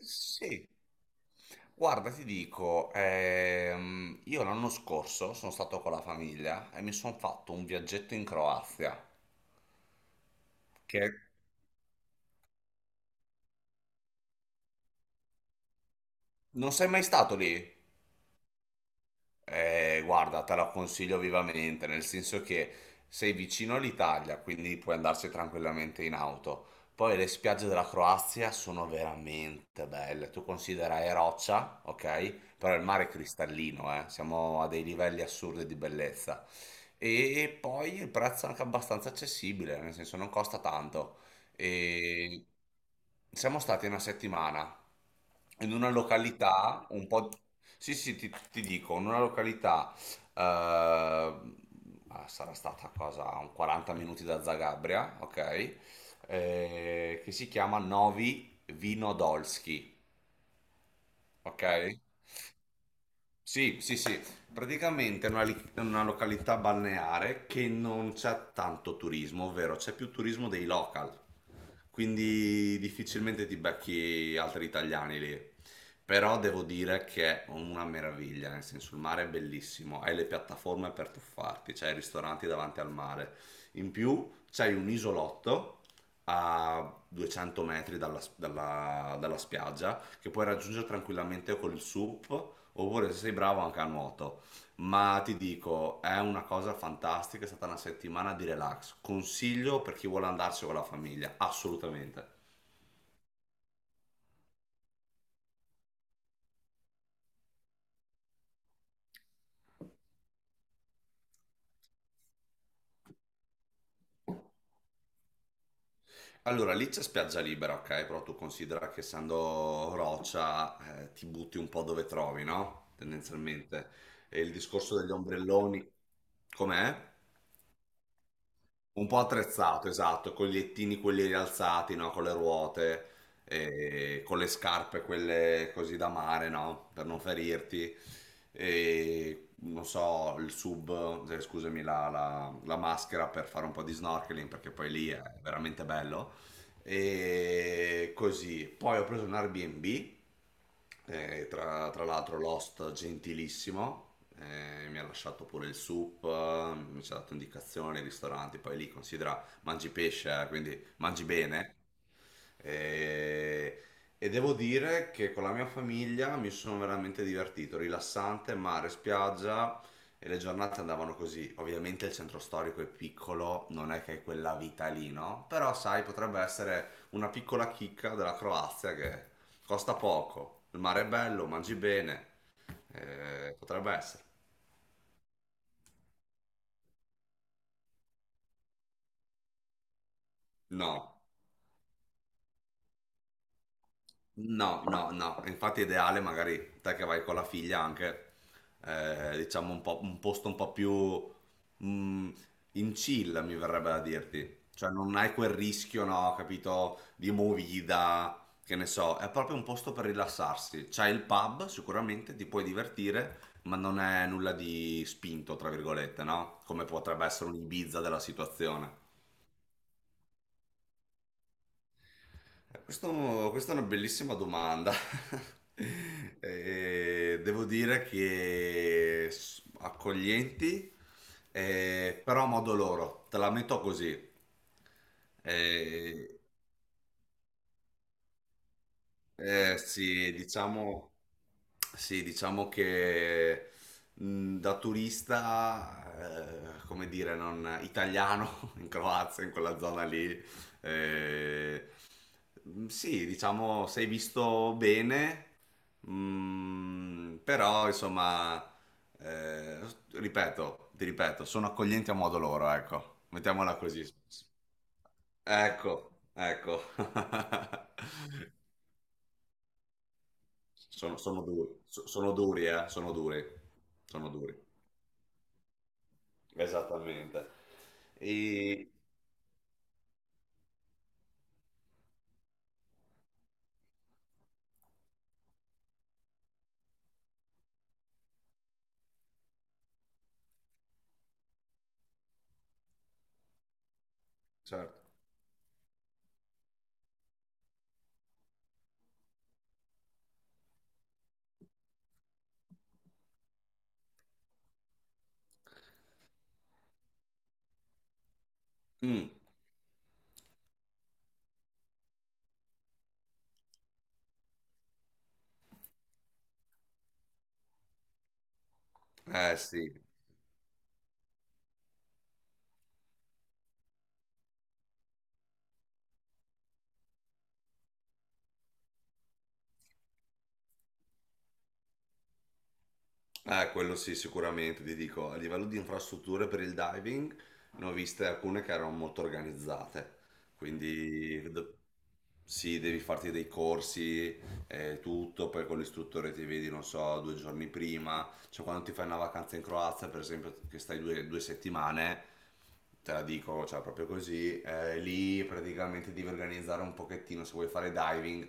Sì, guarda, ti dico, io l'anno scorso sono stato con la famiglia e mi sono fatto un viaggetto in Croazia, che non sei mai stato lì? Guarda, te la consiglio vivamente, nel senso che sei vicino all'Italia, quindi puoi andarci tranquillamente in auto. Poi le spiagge della Croazia sono veramente belle. Tu considera è roccia, ok? Però il mare è cristallino, eh. Siamo a dei livelli assurdi di bellezza. E poi il prezzo è anche abbastanza accessibile, nel senso non costa tanto. E siamo stati una settimana in una località un po'... Sì, sì, ti dico, in una località... eh, sarà stata a cosa, a un 40 minuti da Zagabria, ok? Che si chiama Novi Vinodolski, ok? Sì, sì, sì, praticamente è una, è una località balneare che non c'è tanto turismo, ovvero c'è più turismo dei local, quindi difficilmente ti becchi altri italiani lì. Però devo dire che è una meraviglia, nel senso il mare è bellissimo, hai le piattaforme per tuffarti, c'hai i ristoranti davanti al mare, in più c'hai un isolotto a 200 metri dalla dalla spiaggia che puoi raggiungere tranquillamente col SUP, oppure se sei bravo anche a nuoto. Ma ti dico, è una cosa fantastica, è stata una settimana di relax. Consiglio per chi vuole andarci con la famiglia, assolutamente. Allora, lì c'è spiaggia libera, ok? Però tu considera che essendo roccia, ti butti un po' dove trovi, no? Tendenzialmente. E il discorso degli ombrelloni, com'è? Un po' attrezzato, esatto, con gli ettini quelli rialzati, no? Con le ruote, e con le scarpe quelle così da mare, no? Per non ferirti. E non so, il sub, scusami, la maschera per fare un po' di snorkeling, perché poi lì è veramente bello. E così. Poi ho preso un Airbnb tra l'altro Lost gentilissimo, mi ha lasciato pure il soup, mi ci ha dato indicazioni, ristoranti, poi lì considera mangi pesce, quindi mangi bene, e, e devo dire che con la mia famiglia mi sono veramente divertito, rilassante, mare, spiaggia e le giornate andavano così. Ovviamente il centro storico è piccolo, non è che è quella vita lì, no? Però sai, potrebbe essere una piccola chicca della Croazia che costa poco, il mare è bello, mangi bene, potrebbe essere. No. No, no, no, infatti è ideale magari te che vai con la figlia anche, diciamo un po', un posto un po' più mm, in chill, mi verrebbe da dirti. Cioè non hai quel rischio, no, capito, di movida, che ne so, è proprio un posto per rilassarsi. C'hai il pub, sicuramente ti puoi divertire, ma non è nulla di spinto, tra virgolette, no? Come potrebbe essere un Ibiza della situazione. Questa è una bellissima domanda. Devo dire che accoglienti, però a modo loro, te la metto così. Eh, sì, diciamo, sì, diciamo che da turista, come dire, non italiano in Croazia, in quella zona lì, eh, sì, diciamo sei visto bene, però insomma, eh, ripeto, ti ripeto, sono accoglienti a modo loro, ecco, mettiamola così. Ecco, ecco. Sono duri, sono duri, sono duri, sono duri. Esattamente. E... Certo. Mm, eh sì. Quello sì, sicuramente, ti dico, a livello di infrastrutture per il diving ne ho viste alcune che erano molto organizzate, quindi sì, devi farti dei corsi e tutto, poi con l'istruttore ti vedi, non so, 2 giorni prima, cioè quando ti fai una vacanza in Croazia, per esempio, che stai 2 settimane, te la dico, cioè proprio così, lì praticamente devi organizzare un pochettino, se vuoi fare diving,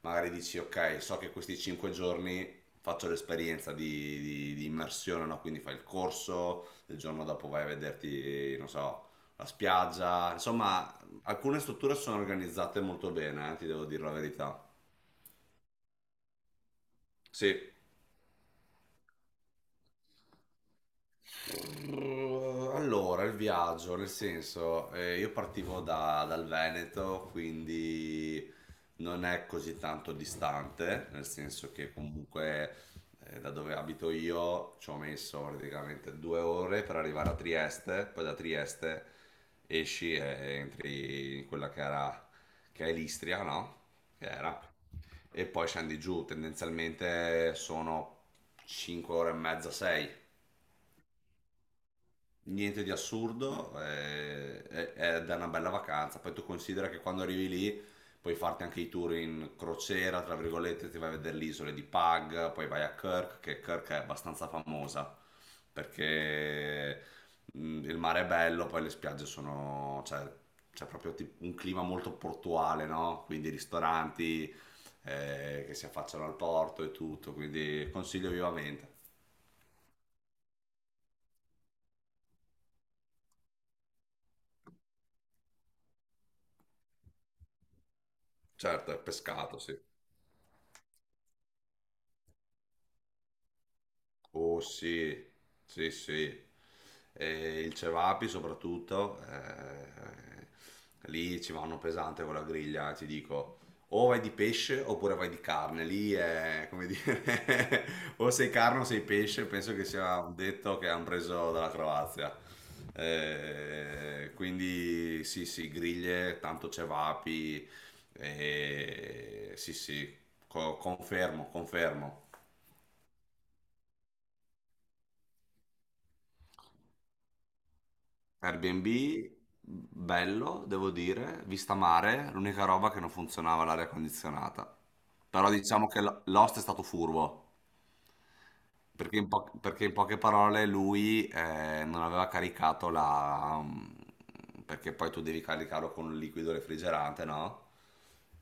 magari dici, ok, so che questi 5 giorni faccio l'esperienza di immersione, no? Quindi fai il corso, il giorno dopo vai a vederti, non so, la spiaggia. Insomma, alcune strutture sono organizzate molto bene, ti devo dire la verità. Sì. Allora, il viaggio, nel senso, io partivo dal Veneto, quindi non è così tanto distante, nel senso che comunque da dove abito io ci ho messo praticamente 2 ore per arrivare a Trieste, poi da Trieste esci e entri in quella che era, che è l'Istria, no? Che era. E poi scendi giù, tendenzialmente sono 5 ore e mezza, 6 niente di assurdo, è da una bella vacanza. Poi tu considera che quando arrivi lì puoi farti anche i tour in crociera, tra virgolette, ti vai a vedere le isole di Pag, poi vai a Kirk, che Kirk è abbastanza famosa perché il mare è bello, poi le spiagge sono, cioè, c'è proprio un clima molto portuale, no? Quindi ristoranti che si affacciano al porto e tutto, quindi consiglio vivamente. Certo, è pescato, sì. Oh sì, sì, sì. Il cevapi soprattutto, lì ci vanno pesante con la griglia, ti dico. O vai di pesce oppure vai di carne, lì è come dire, o sei carne o sei pesce, penso che sia un detto che hanno preso dalla Croazia. Quindi sì, sì, griglie, tanto cevapi, sì, sì, confermo, confermo. Airbnb, bello, devo dire, vista mare, l'unica roba che non funzionava l'area condizionata. Però diciamo che l'host è stato furbo. Perché in poche parole lui non aveva caricato la... mm, perché poi tu devi caricarlo con un liquido refrigerante, no?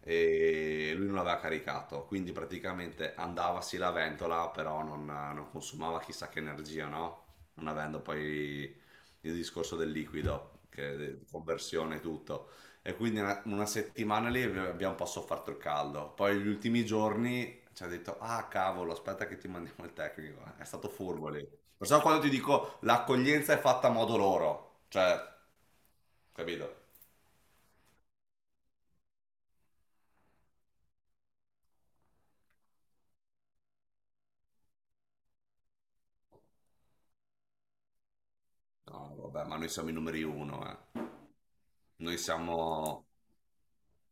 E lui non l'aveva caricato, quindi praticamente andava sì la ventola, però non consumava chissà che energia, no? Non avendo poi il discorso del liquido, che conversione e tutto. E quindi una settimana lì abbiamo un po' sofferto il caldo. Poi gli ultimi giorni ci ha detto, ah cavolo, aspetta che ti mandiamo il tecnico. È stato furbo lì. Lo so quando ti dico, l'accoglienza è fatta a modo loro. Cioè, capito? No, vabbè, ma noi siamo i numeri uno, eh. Noi siamo,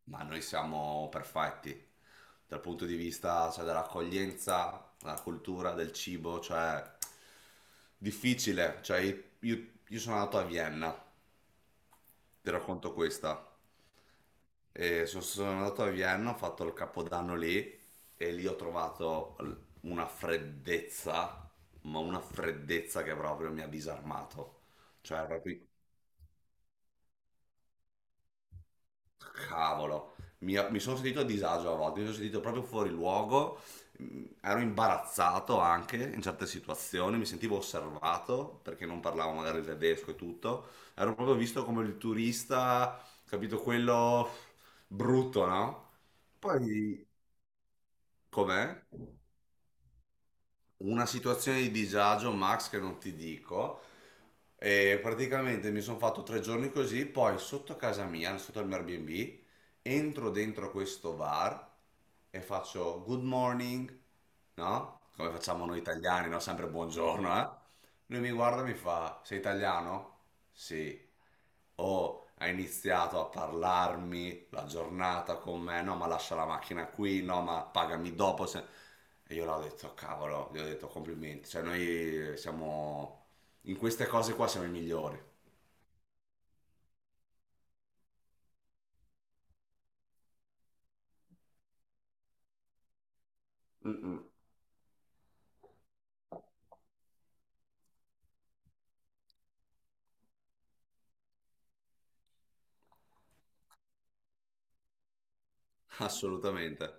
ma noi siamo perfetti. Dal punto di vista, cioè, dell'accoglienza, della cultura, del cibo, cioè, difficile. Cioè, io sono andato a Vienna, ti racconto questa. E sono andato a Vienna, ho fatto il capodanno lì e lì ho trovato una freddezza, ma una freddezza che proprio mi ha disarmato. Cioè, proprio, cavolo, mi sono sentito a disagio a volte, mi sono sentito proprio fuori luogo, ero imbarazzato anche in certe situazioni, mi sentivo osservato perché non parlavo magari il tedesco e tutto, ero proprio visto come il turista, capito, quello brutto, no? Poi, com'è? Una situazione di disagio, Max, che non ti dico. E praticamente mi sono fatto 3 giorni così, poi sotto casa mia, sotto il mio Airbnb, entro dentro questo bar e faccio good morning, no? Come facciamo noi italiani, no? Sempre buongiorno, eh? Lui mi guarda e mi fa, sei italiano? Sì. Oh, ha iniziato a parlarmi la giornata con me, no, ma lascia la macchina qui, no, ma pagami dopo. E io l'ho detto, cavolo, gli ho detto complimenti. Cioè, noi siamo in queste cose qua siamo i migliori. Mm, mm. Assolutamente.